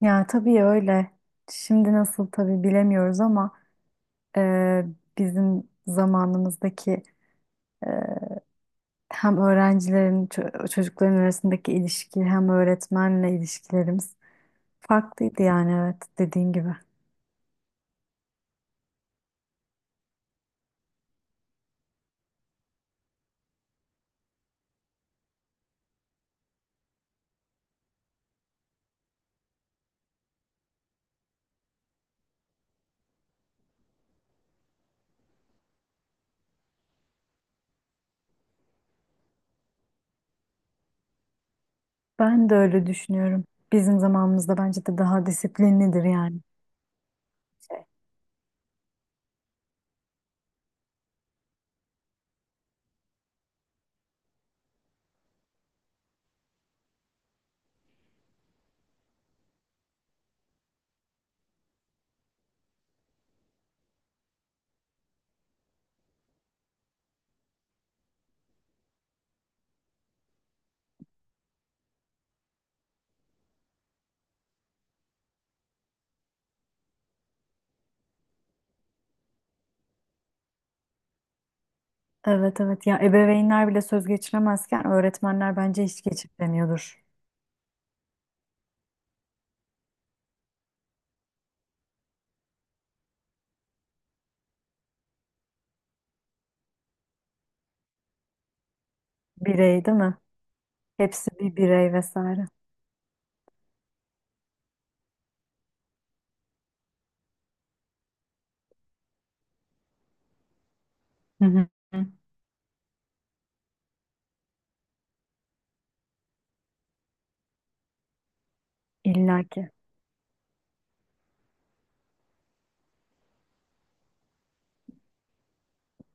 Ya tabii öyle. Şimdi nasıl tabii bilemiyoruz ama e, bizim zamanımızdaki e, hem öğrencilerin, çocukların arasındaki ilişki hem öğretmenle ilişkilerimiz farklıydı yani evet dediğin gibi. Ben de öyle düşünüyorum. Bizim zamanımızda bence de daha disiplinlidir yani. Şey. Evet evet ya, ebeveynler bile söz geçiremezken öğretmenler bence hiç geçiremiyordur. Birey değil mi? Hepsi bir birey vesaire. Hı hı. İlla ki.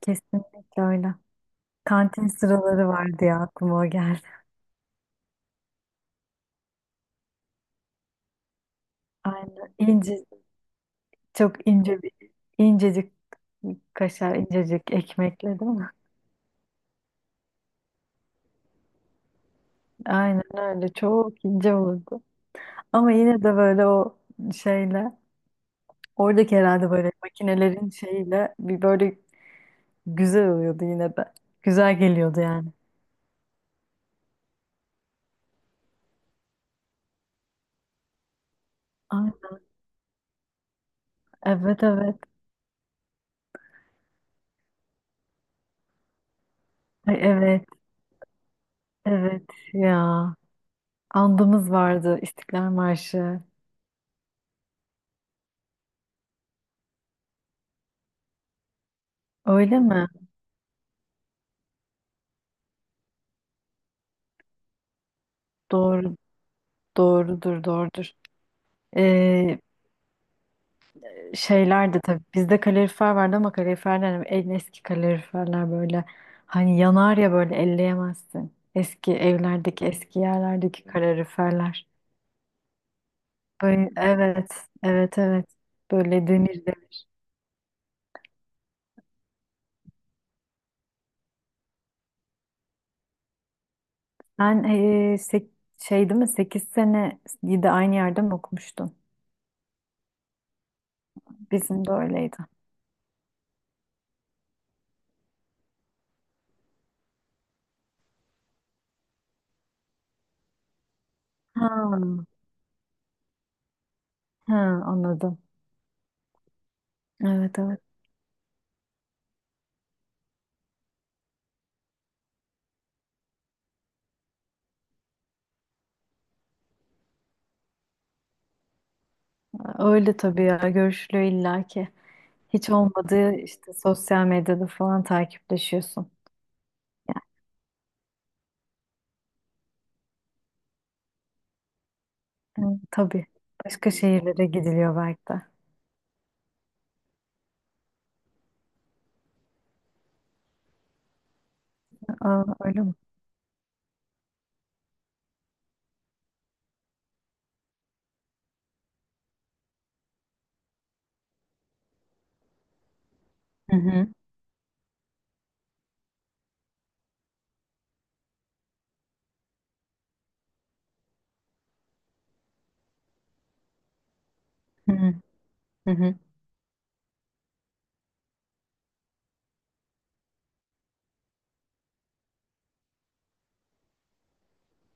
Kesinlikle öyle. Kantin sıraları vardı ya, aklıma o geldi. Aynen. İnce, çok ince bir, incecik kaşar, incecik ekmekle değil mi? Aynen öyle. Çok ince olurdu. Ama yine de böyle o şeyle, oradaki herhalde böyle makinelerin şeyiyle bir böyle güzel oluyordu yine de. Güzel geliyordu yani. Ay, evet evet. Ay, evet evet ya. Andımız vardı, İstiklal Marşı. Öyle mi? Doğru Doğrudur, doğrudur. Ee, şeyler de tabii, bizde kalorifer vardı ama kaloriferler hani en eski kaloriferler böyle, hani yanar ya, böyle elleyemezsin. Eski evlerdeki, eski yerlerdeki kaloriferler. Böyle evet, evet, evet. Böyle demir demir. Sen şey değil mi, 8 sene de aynı yerde mi okumuştun? Bizim de öyleydi. Ha, ha, anladım. Evet evet. Öyle tabii ya, görüşülüyor illaki. Hiç olmadığı işte sosyal medyada falan takipleşiyorsun. Yani, hı, tabii. Başka şehirlere gidiliyor belki de. Aa, öyle mi? Hı hı, hı hı, hı hı.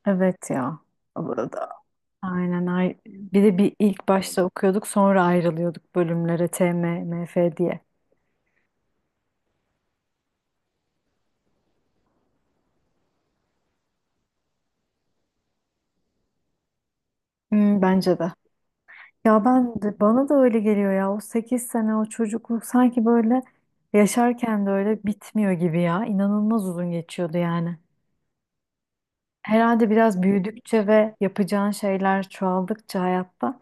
Evet ya. Burada. Aynen. Bir de bir ilk başta okuyorduk, sonra ayrılıyorduk bölümlere, TM, MF diye. Hmm, bence de. Ya ben de, bana da öyle geliyor ya. O 8 sene, o çocukluk sanki böyle yaşarken de öyle bitmiyor gibi ya. İnanılmaz uzun geçiyordu yani. Herhalde biraz büyüdükçe ve yapacağın şeyler çoğaldıkça hayatta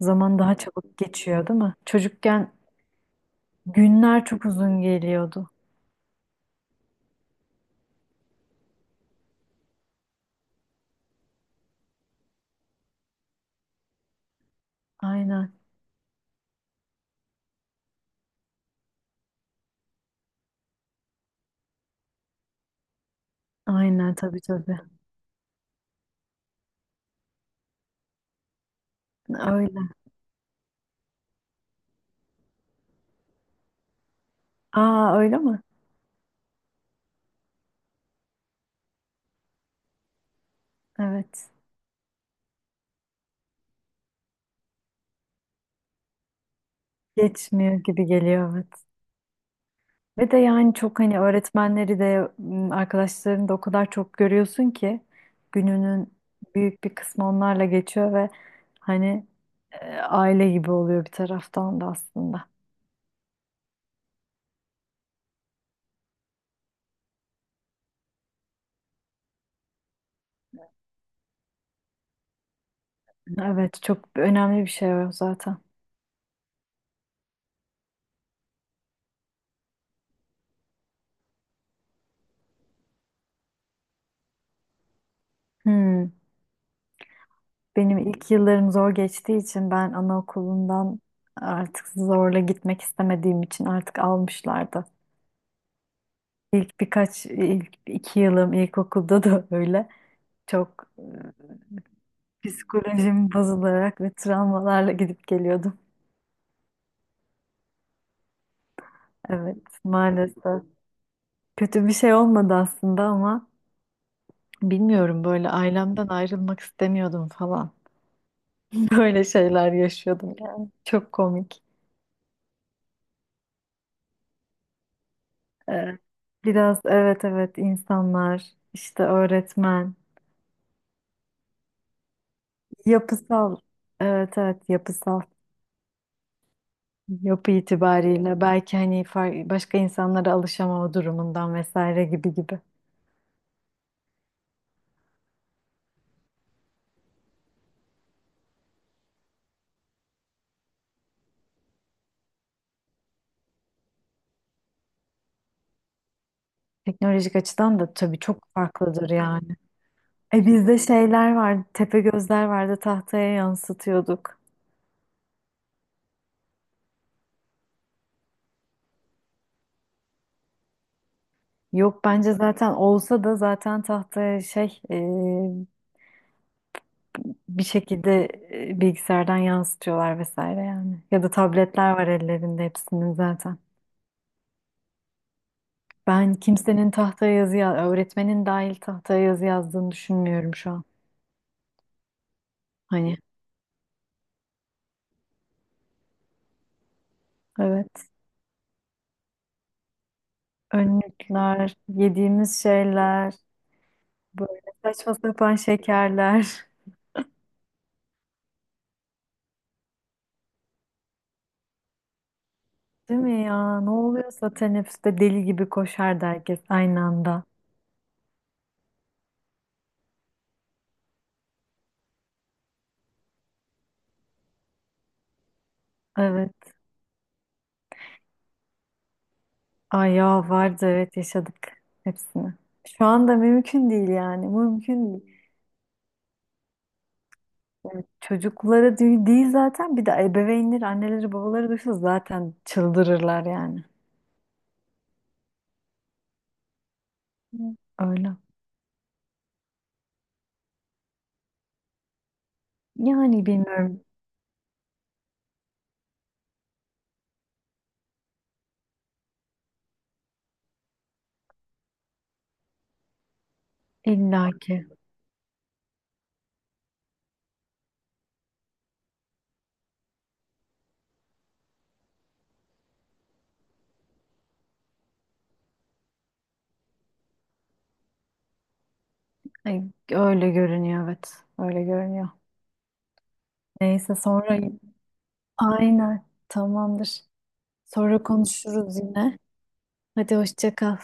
zaman daha çabuk geçiyor, değil mi? Çocukken günler çok uzun geliyordu. Aynen, aynen, tabii tabii. Öyle. Aa öyle mi? Evet. Geçmiyor gibi geliyor, evet. Ve de yani çok hani öğretmenleri de, arkadaşlarını da o kadar çok görüyorsun ki gününün büyük bir kısmı onlarla geçiyor ve hani aile gibi oluyor bir taraftan da aslında. Evet, çok önemli bir şey o zaten. Hmm. Benim ilk yıllarım zor geçtiği için ben anaokulundan, artık zorla gitmek istemediğim için artık almışlardı. İlk iki yılım ilkokulda da öyle. Çok psikolojim bozularak ve travmalarla gidip geliyordum. Evet, maalesef. Kötü bir şey olmadı aslında ama bilmiyorum, böyle ailemden ayrılmak istemiyordum falan. Böyle şeyler yaşıyordum yani. Çok komik. Ee, Biraz evet evet, insanlar işte, öğretmen yapısal, evet evet, yapısal yapı itibariyle belki hani başka insanlara alışamama durumundan vesaire, gibi gibi. Teknolojik açıdan da tabii çok farklıdır yani. Bizde şeyler vardı, tepe gözler vardı, tahtaya yansıtıyorduk. Yok, bence zaten olsa da zaten tahtaya şey, bir şekilde bilgisayardan yansıtıyorlar vesaire yani. Ya da tabletler var ellerinde hepsinin zaten. Ben kimsenin tahtaya yazı, öğretmenin dahil tahtaya yazı yazdığını düşünmüyorum şu an. Hani evet, önlükler, yediğimiz şeyler, böyle saçma sapan şekerler. Değil mi ya? Ne oluyorsa teneffüste deli gibi koşardı herkes aynı anda. Evet. Ay ya, vardı, evet, yaşadık hepsini. Şu anda mümkün değil yani. Mümkün değil. Çocuklara değil değil zaten, bir de ebeveynleri, anneleri, babaları duysa zaten çıldırırlar yani. Hı. Öyle. Yani bilmiyorum, illaki. Ay, öyle görünüyor evet. Öyle görünüyor. Neyse, sonra aynen tamamdır. Sonra konuşuruz yine. Hadi hoşça kal.